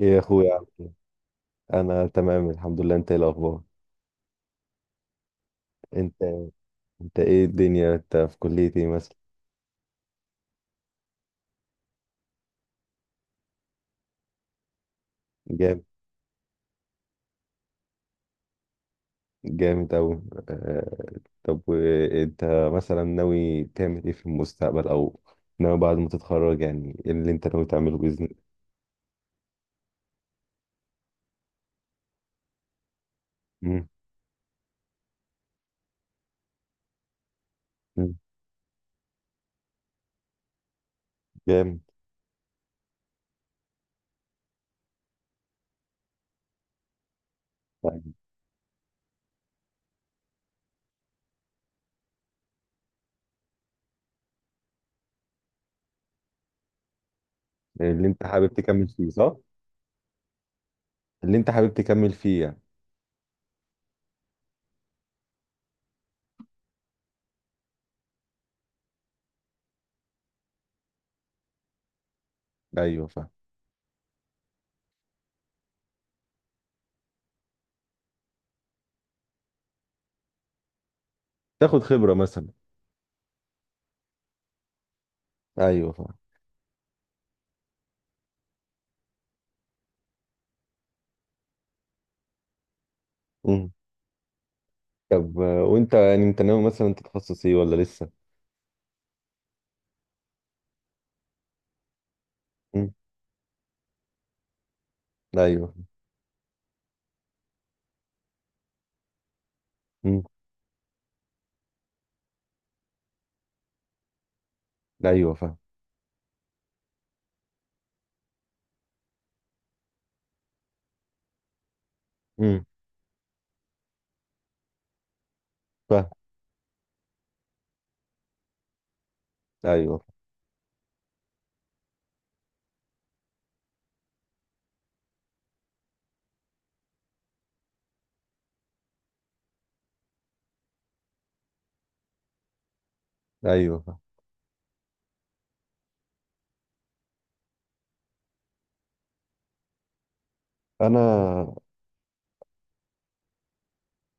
ايه يا اخويا عامل إيه؟ انا تمام الحمد لله، انت ايه الاخبار؟ انت انت ايه الدنيا، انت في كلية ايه مثلا؟ جامد. جامد اوي. آه، طب، انت مثلا ناوي تعمل ايه في المستقبل او ناوي بعد ما تتخرج، يعني ايه اللي انت ناوي تعمله باذن الله؟ مم. مم. جامد. طيب. اللي انت حابب تكمل فيه، صح؟ اللي انت حابب تكمل فيه يعني. ايوه فاهم. تاخد خبرة مثلا. ايوه فاهم. مم. طب، وانت يعني انت ناوي مثلا تتخصص ايه ولا لسه؟ مم. ايوه. مم. ايوه فاهم. امم فاهم. ايوه. ايوه فاهم. انا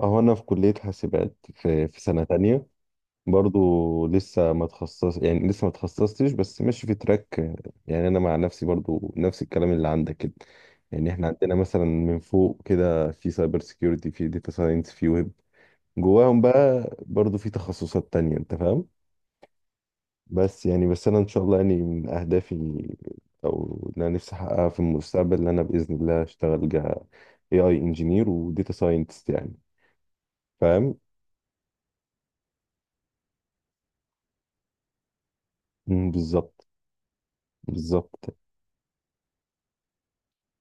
اهو انا في كليه حاسبات، في سنه تانية. برضو لسه ما تخصص، يعني لسه ما تخصصتش، بس ماشي في تراك. يعني انا مع نفسي برضو نفس الكلام اللي عندك كده. يعني احنا عندنا مثلا من فوق كده في سايبر سيكيورتي، في داتا ساينس، في ويب. جواهم بقى برضو في تخصصات تانية، انت فاهم. بس يعني بس انا ان شاء الله يعني من اهدافي، او اللي انا نفسي احققها في المستقبل، ان انا باذن الله اشتغل ك AI انجينير وداتا ساينتست، يعني فاهم. مم. بالظبط. بالظبط.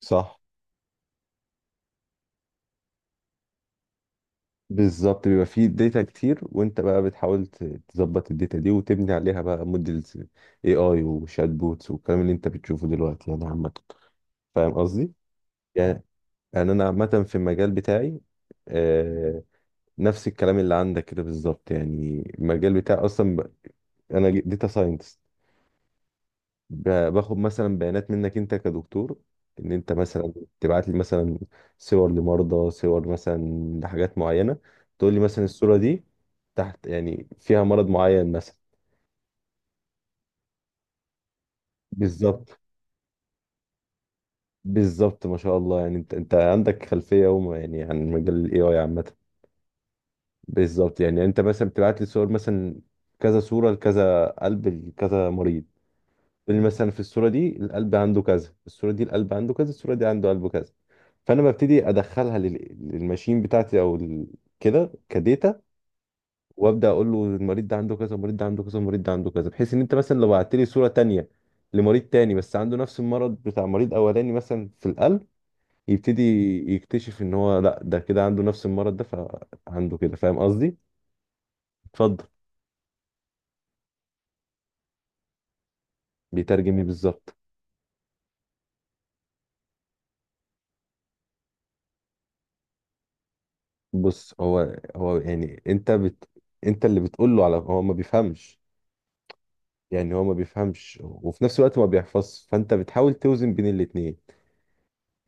صح. بالظبط بيبقى فيه داتا كتير، وانت بقى بتحاول تظبط الداتا دي وتبني عليها بقى موديلز AI وشات بوتس، والكلام اللي انت بتشوفه دلوقتي يعني عامه. فاهم قصدي. يعني انا عامه في المجال بتاعي. آه، نفس الكلام اللي عندك كده بالظبط، يعني المجال بتاعي اصلا انا داتا ساينتست. باخد مثلا بيانات منك انت كدكتور، ان انت مثلا تبعت لي مثلا صور لمرضى، صور مثلا لحاجات معينه، تقول لي مثلا الصوره دي تحت، يعني فيها مرض معين مثلا. بالظبط. بالظبط ما شاء الله، يعني انت عندك خلفيه وما يعني عن مجال الـAI عامه. بالظبط يعني انت مثلا بتبعت لي صور مثلا كذا صوره لكذا قلب، لكذا مريض، تقول لي مثلا في الصوره دي القلب عنده كذا، الصوره دي القلب عنده كذا، الصوره دي عنده قلبه كذا. فانا ببتدي ادخلها للماشين بتاعتي، او كده كديتا. وابدا اقول له المريض ده عنده كذا، المريض ده عنده كذا، المريض ده عنده كذا، بحيث ان انت مثلا لو بعت لي صوره تانية لمريض تاني بس عنده نفس المرض بتاع مريض اولاني مثلا في القلب، يبتدي يكتشف ان هو لا، ده كده عنده نفس المرض ده، فعنده كده. فاهم قصدي. اتفضل. بيترجم لي بالظبط. بص هو هو يعني انت انت اللي بتقول له على هو، ما بيفهمش. يعني هو ما بيفهمش، وفي نفس الوقت ما بيحفظش، فانت بتحاول توزن بين الاتنين.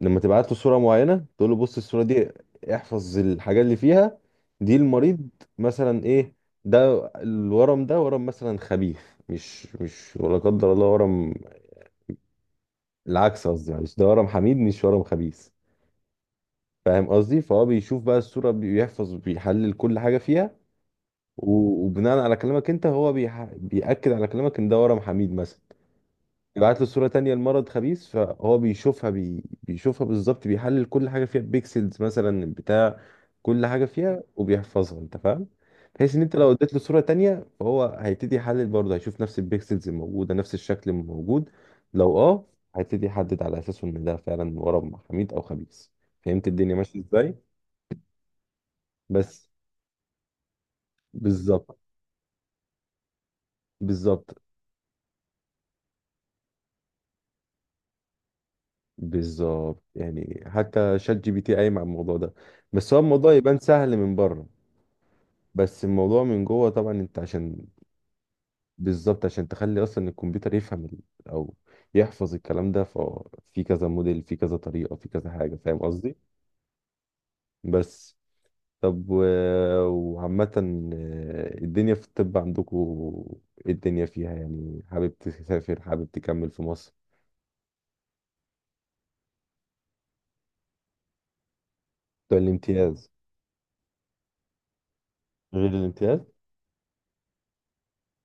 لما تبعت له صورة معينة تقول له بص الصورة دي، احفظ الحاجات اللي فيها. دي المريض مثلا ايه، ده الورم، ده ورم مثلا خبيث. مش ولا قدر الله ورم. العكس قصدي معلش، ده ورم حميد مش ورم خبيث. فاهم قصدي. فهو بيشوف بقى الصورة، بيحفظ، بيحلل كل حاجة فيها. وبناء على كلامك انت، هو بيأكد على كلامك ان ده ورم حميد مثلا. يبعت له صورة تانية لمرض خبيث، فهو بيشوفها بيشوفها بالظبط، بيحلل كل حاجة فيها، بيكسلز مثلا بتاع كل حاجة فيها وبيحفظها، انت فاهم. بحيث ان انت لو اديت له صورة تانية فهو هيبتدي يحلل برضه، هيشوف نفس البيكسلز الموجودة، نفس الشكل الموجود، لو هيبتدي يحدد على اساسه ان ده فعلا ورم حميد او خبيث. فهمت الدنيا ماشية ازاي. بس. بالظبط. بالظبط. بالظبط يعني حتى شات GPT قايم على الموضوع ده. بس هو الموضوع يبان سهل من بره. بس الموضوع من جوه طبعا، انت عشان. بالظبط عشان تخلي اصلا الكمبيوتر يفهم او يحفظ الكلام ده، ففي كذا موديل، في كذا طريقة، في كذا حاجة. فاهم قصدي. بس. طب وعامة الدنيا في الطب عندكم ايه الدنيا فيها، يعني حابب تسافر، حابب تكمل في مصر؟ بتوع الامتياز. غير الامتياز.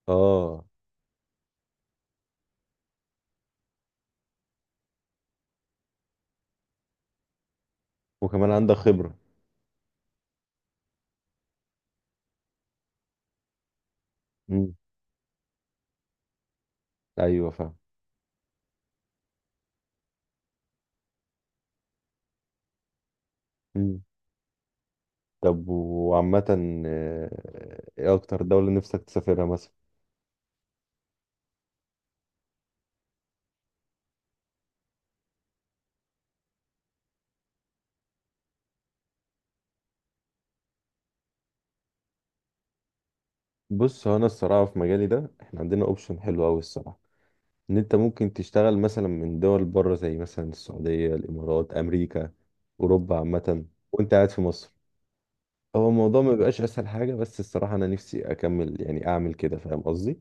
اه. وكمان عندك خبرة. مم. ايوه فاهم. مم. طب وعامة، ايه اكتر دولة نفسك تسافرها مثلا؟ بص هو انا الصراحه في مجالي ده احنا عندنا اوبشن حلو قوي الصراحه، ان انت ممكن تشتغل مثلا من دول بره زي مثلا السعوديه، الامارات، امريكا، اوروبا عامه، وانت قاعد في مصر. هو الموضوع ما بيبقاش اسهل حاجه، بس الصراحه انا نفسي اكمل يعني اعمل كده، فاهم قصدي.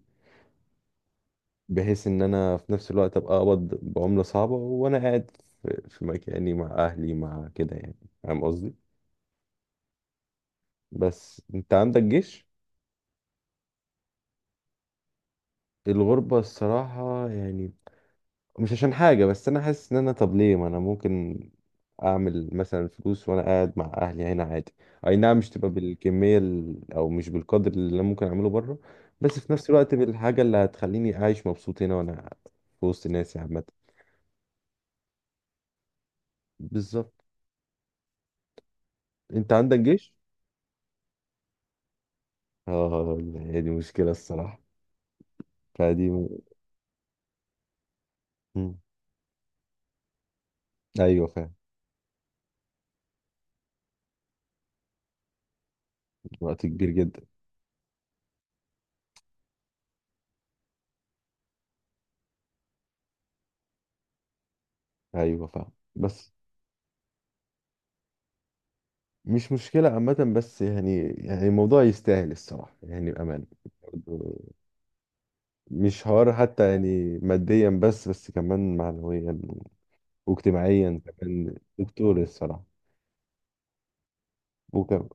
بحيث ان انا في نفس الوقت ابقى اقبض بعمله صعبه وانا قاعد في مكاني مع اهلي مع كده يعني، فاهم قصدي. بس انت عندك جيش. الغربه الصراحه، يعني مش عشان حاجة، بس أنا حاسس إن أنا طب ليه ما أنا ممكن أعمل مثلا فلوس وأنا قاعد مع أهلي هنا عادي. أي نعم مش تبقى بالكمية أو مش بالقدر اللي أنا ممكن أعمله بره، بس في نفس الوقت بالحاجة اللي هتخليني عايش مبسوط هنا، وأنا في وسط ناسي عامة. بالظبط. أنت عندك جيش؟ آه، هي دي مشكلة الصراحة. فدي مم. أيوه فاهم. وقت كبير جدا. أيوه فاهم بس. مش مشكلة عامة، بس يعني الموضوع يستاهل الصراحة، يعني بأمان. مش حوار حتى يعني ماديا، بس كمان معنويا واجتماعيا كمان، دكتور الصراحة. وكم.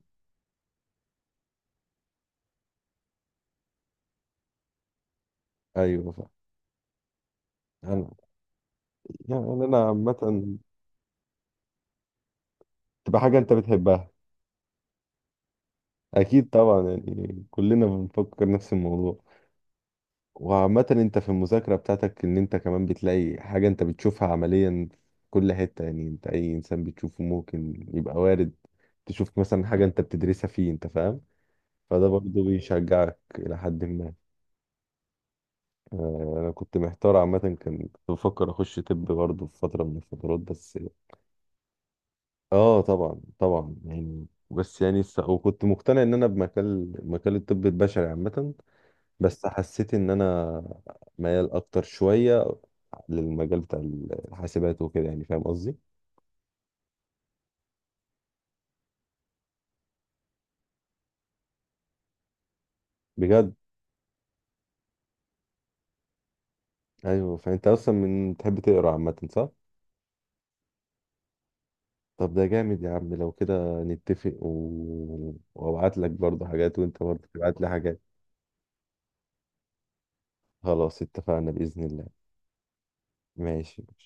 أيوة فعلا. أنا يعني أنا عامة. تبقى حاجة أنت بتحبها. أكيد طبعا، يعني كلنا بنفكر نفس الموضوع. وعامة أنت في المذاكرة بتاعتك، إن أنت كمان بتلاقي حاجة أنت بتشوفها عمليا في كل حتة، يعني أنت أي إنسان بتشوفه ممكن يبقى وارد تشوف مثلا حاجة أنت بتدرسها فيه، أنت فاهم. فده برضه بيشجعك إلى حد ما. انا كنت محتار عامه، كنت بفكر اخش طب برضه في فتره من الفترات بس. اه طبعا طبعا، يعني بس يعني وكنت مقتنع ان انا بمجال مجال الطب البشري عامه، بس حسيت ان انا ميال اكتر شويه للمجال بتاع الحاسبات وكده يعني، فاهم قصدي. بجد. ايوه فانت اصلا من تحب تقرا عامه صح؟ طب ده جامد يا عم، لو كده نتفق وابعت لك برضه حاجات، وانت برضه تبعت لي حاجات. خلاص اتفقنا باذن الله. ماشي. ماشي.